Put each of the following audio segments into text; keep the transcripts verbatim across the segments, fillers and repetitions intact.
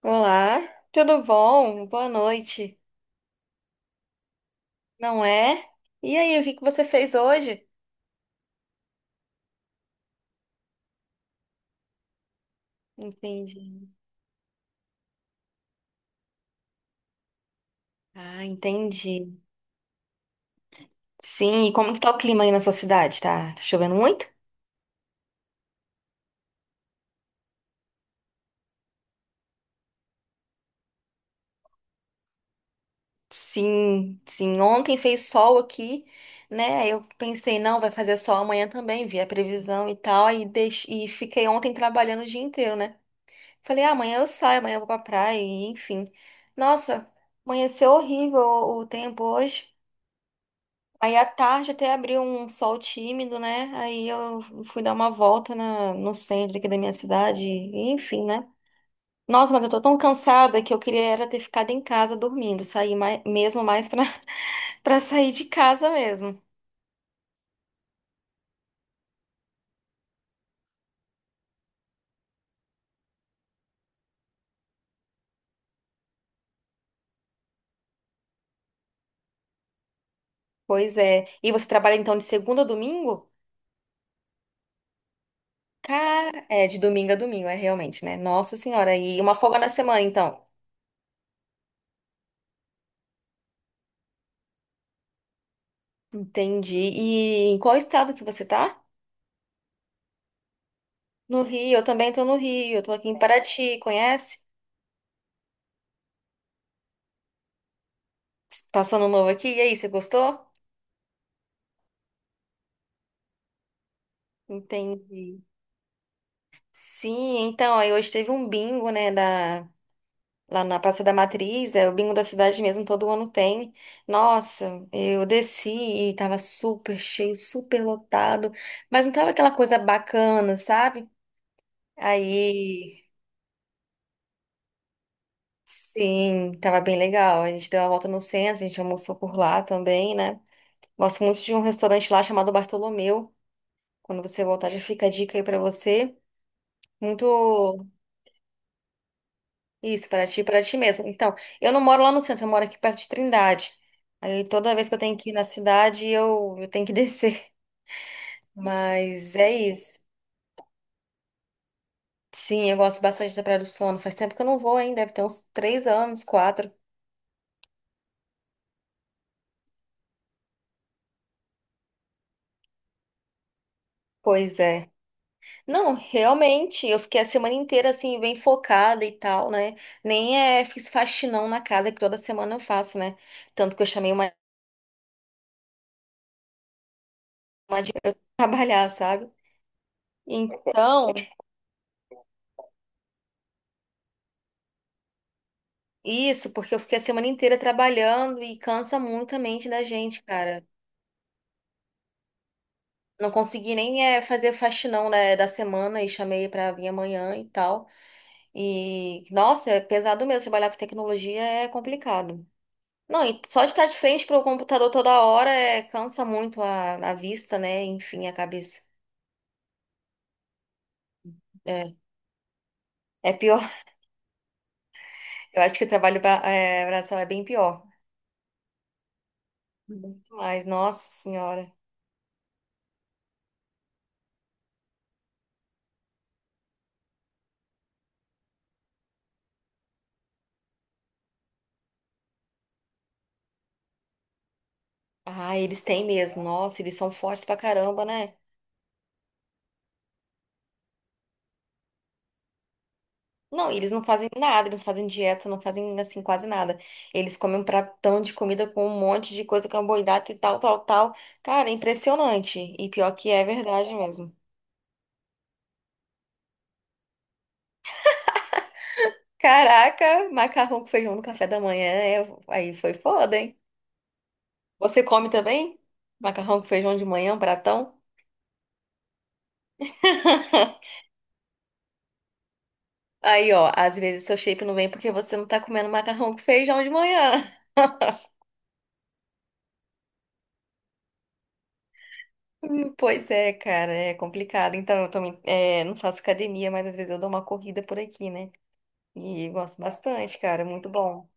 Olá, tudo bom? Boa noite, não é? E aí, o que que você fez hoje? Entendi. Ah, entendi. Sim, e como que tá o clima aí na sua cidade? Tá, tá chovendo muito? Sim, sim. Ontem fez sol aqui, né? Aí eu pensei, não, vai fazer sol amanhã também, vi a previsão e tal, e, deix... e fiquei ontem trabalhando o dia inteiro, né? Falei, ah, amanhã eu saio, amanhã eu vou pra praia, e enfim. Nossa, amanheceu horrível o o tempo hoje. Aí à tarde até abriu um sol tímido, né? Aí eu fui dar uma volta na, no centro aqui da minha cidade, e enfim, né? Nossa, mas eu tô tão cansada que eu queria era ter ficado em casa dormindo, sair mais, mesmo mais pra, pra sair de casa mesmo. Pois é. E você trabalha então de segunda a domingo? Cara, é, de domingo a domingo, é realmente, né? Nossa Senhora, e uma folga na semana, então. Entendi. E em qual estado que você tá? No Rio, eu também tô no Rio, eu tô aqui em Paraty, conhece? Passando novo aqui, e aí, você gostou? Entendi. Sim, então, aí hoje teve um bingo, né, da, lá na Praça da Matriz, é o bingo da cidade mesmo, todo ano tem. Nossa, eu desci e tava super cheio, super lotado, mas não tava aquela coisa bacana, sabe? Aí, sim, tava bem legal. A gente deu uma volta no centro, a gente almoçou por lá também, né? Gosto muito de um restaurante lá chamado Bartolomeu. Quando você voltar, já fica a dica aí pra você. Muito Isso, para ti, para ti mesmo. Então, eu não moro lá no centro, eu moro aqui perto de Trindade. Aí toda vez que eu tenho que ir na cidade, eu, eu tenho que descer. Mas é isso. Sim, eu gosto bastante da Praia do Sono. Faz tempo que eu não vou, hein? Deve ter uns três anos, quatro. Pois é. Não, realmente, eu fiquei a semana inteira assim, bem focada e tal, né? Nem é, fiz faxinão na casa, que toda semana eu faço, né? Tanto que eu chamei uma pra trabalhar, sabe? Então, isso, porque eu fiquei a semana inteira trabalhando e cansa muito a mente da gente, cara. Não consegui nem eh, fazer faxinão, né, da semana e chamei pra vir amanhã e tal. E, nossa, é pesado mesmo. Trabalhar com tecnologia é complicado. Não, e só de estar de frente pro computador toda hora é, cansa muito a, a vista, né? Enfim, a cabeça. É, é pior. Eu acho que o trabalho bra- eh, braçal é bem pior. Muito mais, nossa senhora. Ah, eles têm mesmo. Nossa, eles são fortes pra caramba, né? Não, e eles não fazem nada, eles não fazem dieta, não fazem assim quase nada. Eles comem um pratão de comida com um monte de coisa, carboidrato e tal, tal, tal. Cara, é impressionante. E pior que é verdade mesmo. Caraca, macarrão com feijão no café da manhã, é- aí foi foda, hein? Você come também? Macarrão com feijão de manhã, um pratão? Aí, ó, às vezes seu shape não vem porque você não tá comendo macarrão com feijão de manhã. Hum, Pois é, cara, é complicado. Então, eu também é, não faço academia, mas às vezes eu dou uma corrida por aqui, né? E gosto bastante, cara, é muito bom.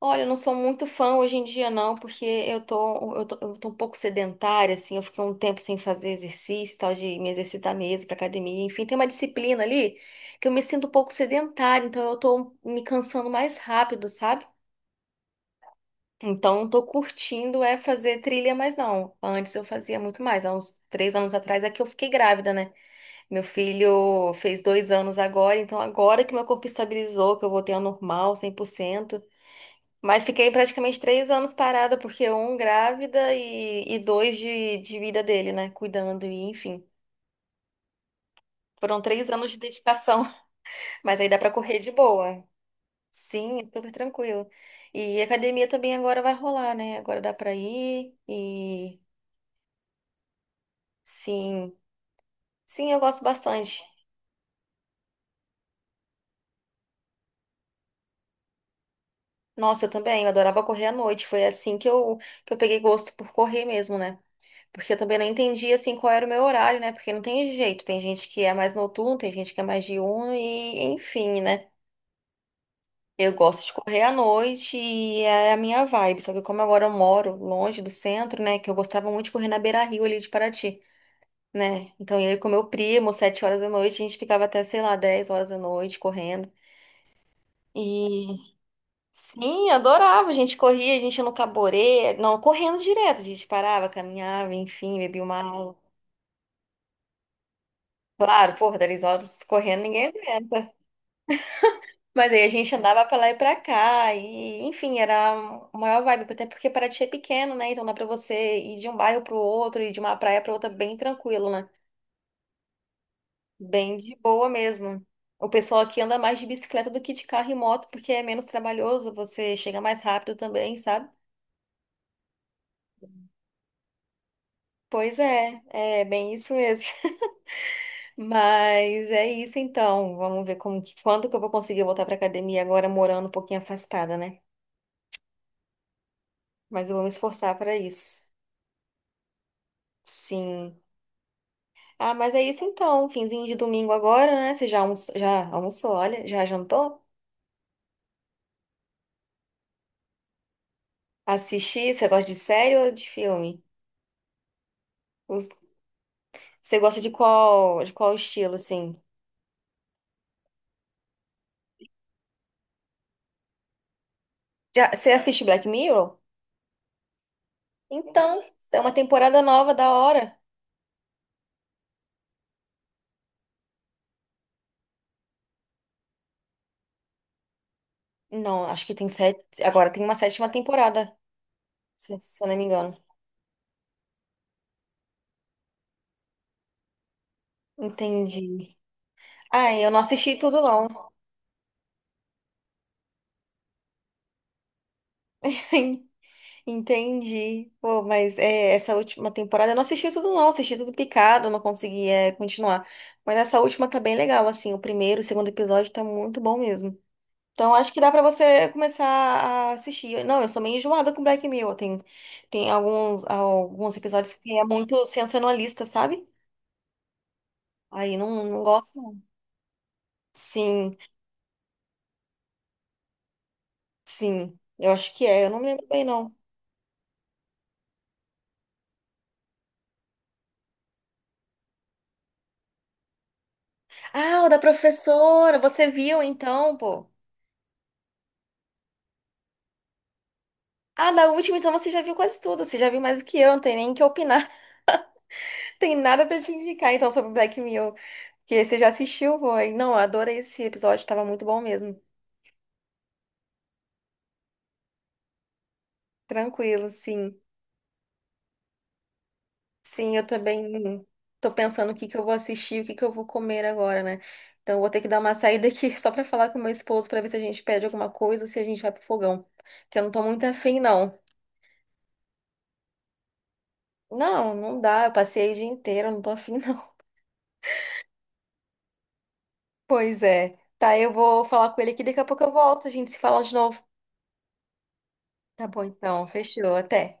Olha, eu não sou muito fã hoje em dia, não, porque eu tô, eu tô, eu tô um pouco sedentária, assim, eu fiquei um tempo sem fazer exercício, e tal, de me exercitar mesmo pra academia, enfim, tem uma disciplina ali que eu me sinto um pouco sedentária, então eu tô me cansando mais rápido, sabe? Então, não tô curtindo é fazer trilha mais não. Antes eu fazia muito mais. Há uns três anos atrás é que eu fiquei grávida, né? Meu filho fez dois anos agora, então agora que meu corpo estabilizou, que eu voltei ao normal, cem por cento. Mas fiquei praticamente três anos parada, porque um grávida e, e dois de, de vida dele, né? Cuidando, e enfim. Foram três anos de dedicação, mas aí dá pra correr de boa. Sim, super tranquilo. E academia também agora vai rolar, né? Agora dá pra ir e sim, sim, eu gosto bastante. Nossa, eu também, eu adorava correr à noite. Foi assim que eu que eu peguei gosto por correr mesmo, né? Porque eu também não entendi assim qual era o meu horário, né? Porque não tem jeito. Tem gente que é mais noturno, tem gente que é mais diurno e enfim, né? Eu gosto de correr à noite e é a minha vibe. Só que como agora eu moro longe do centro, né? Que eu gostava muito de correr na beira-rio ali de Paraty, né? Então eu ia com meu primo, sete horas da noite, a gente ficava até, sei lá, dez horas da noite correndo. E sim, eu adorava. A gente corria, a gente ia no caborê, não, correndo direto, a gente parava, caminhava, enfim, bebia uma água. Claro, porra, 10 horas correndo ninguém aguenta. Mas aí a gente andava pra lá e pra cá, e enfim, era a maior vibe, até porque Paraty é pequeno, né? Então dá pra você ir de um bairro pro outro e de uma praia pra outra bem tranquilo, né? Bem de boa mesmo. O pessoal aqui anda mais de bicicleta do que de carro e moto, porque é menos trabalhoso, você chega mais rápido também, sabe? Pois é, é bem isso mesmo. Mas é isso então. Vamos ver como que, quando que eu vou conseguir voltar pra academia agora morando um pouquinho afastada, né? Mas eu vou me esforçar para isso. Sim. Ah, mas é isso então. Finzinho de domingo agora, né? Você já almoçou, já almoçou, olha, já jantou? Assistir? Você gosta de série ou de filme? Os- Você gosta de qual, de qual estilo, assim? Já, você assiste Black Mirror? Então, é uma temporada nova da hora. Não, acho que tem sete. Agora tem uma sétima temporada, se, se eu não me engano. Entendi. Ah, eu não assisti tudo, não. Entendi. Pô, mas é, essa última temporada eu não assisti tudo, não. Assisti tudo picado, não consegui é, continuar. Mas essa última tá bem legal, assim. O primeiro, o segundo episódio tá muito bom mesmo. Então acho que dá pra você começar a assistir. Não, eu sou meio enjoada com Black Mirror. Tem, tem alguns, alguns episódios que é muito sensacionalista, sabe? Aí não, não gosto, não. Sim, sim. Eu acho que é. Eu não lembro bem, não. Ah, o da professora. Você viu então, pô? Ah, da última, então você já viu quase tudo. Você já viu mais do que eu, não tem nem o que opinar. Tem nada pra te indicar, então, sobre Black Mirror. Que você já assistiu, foi. Não, eu adorei esse episódio, tava muito bom mesmo. Tranquilo, sim. Sim, eu também tô pensando o que que eu vou assistir, o que que eu vou comer agora, né? Então, eu vou ter que dar uma saída aqui só pra falar com meu esposo pra ver se a gente pede alguma coisa ou se a gente vai pro fogão. Que eu não tô muito afim, não. Não, não dá. Eu passei o dia inteiro, eu não tô afim, não. Pois é. Tá, eu vou falar com ele aqui, daqui a pouco eu volto, a gente se fala de novo. Tá bom, então. Fechou. Até.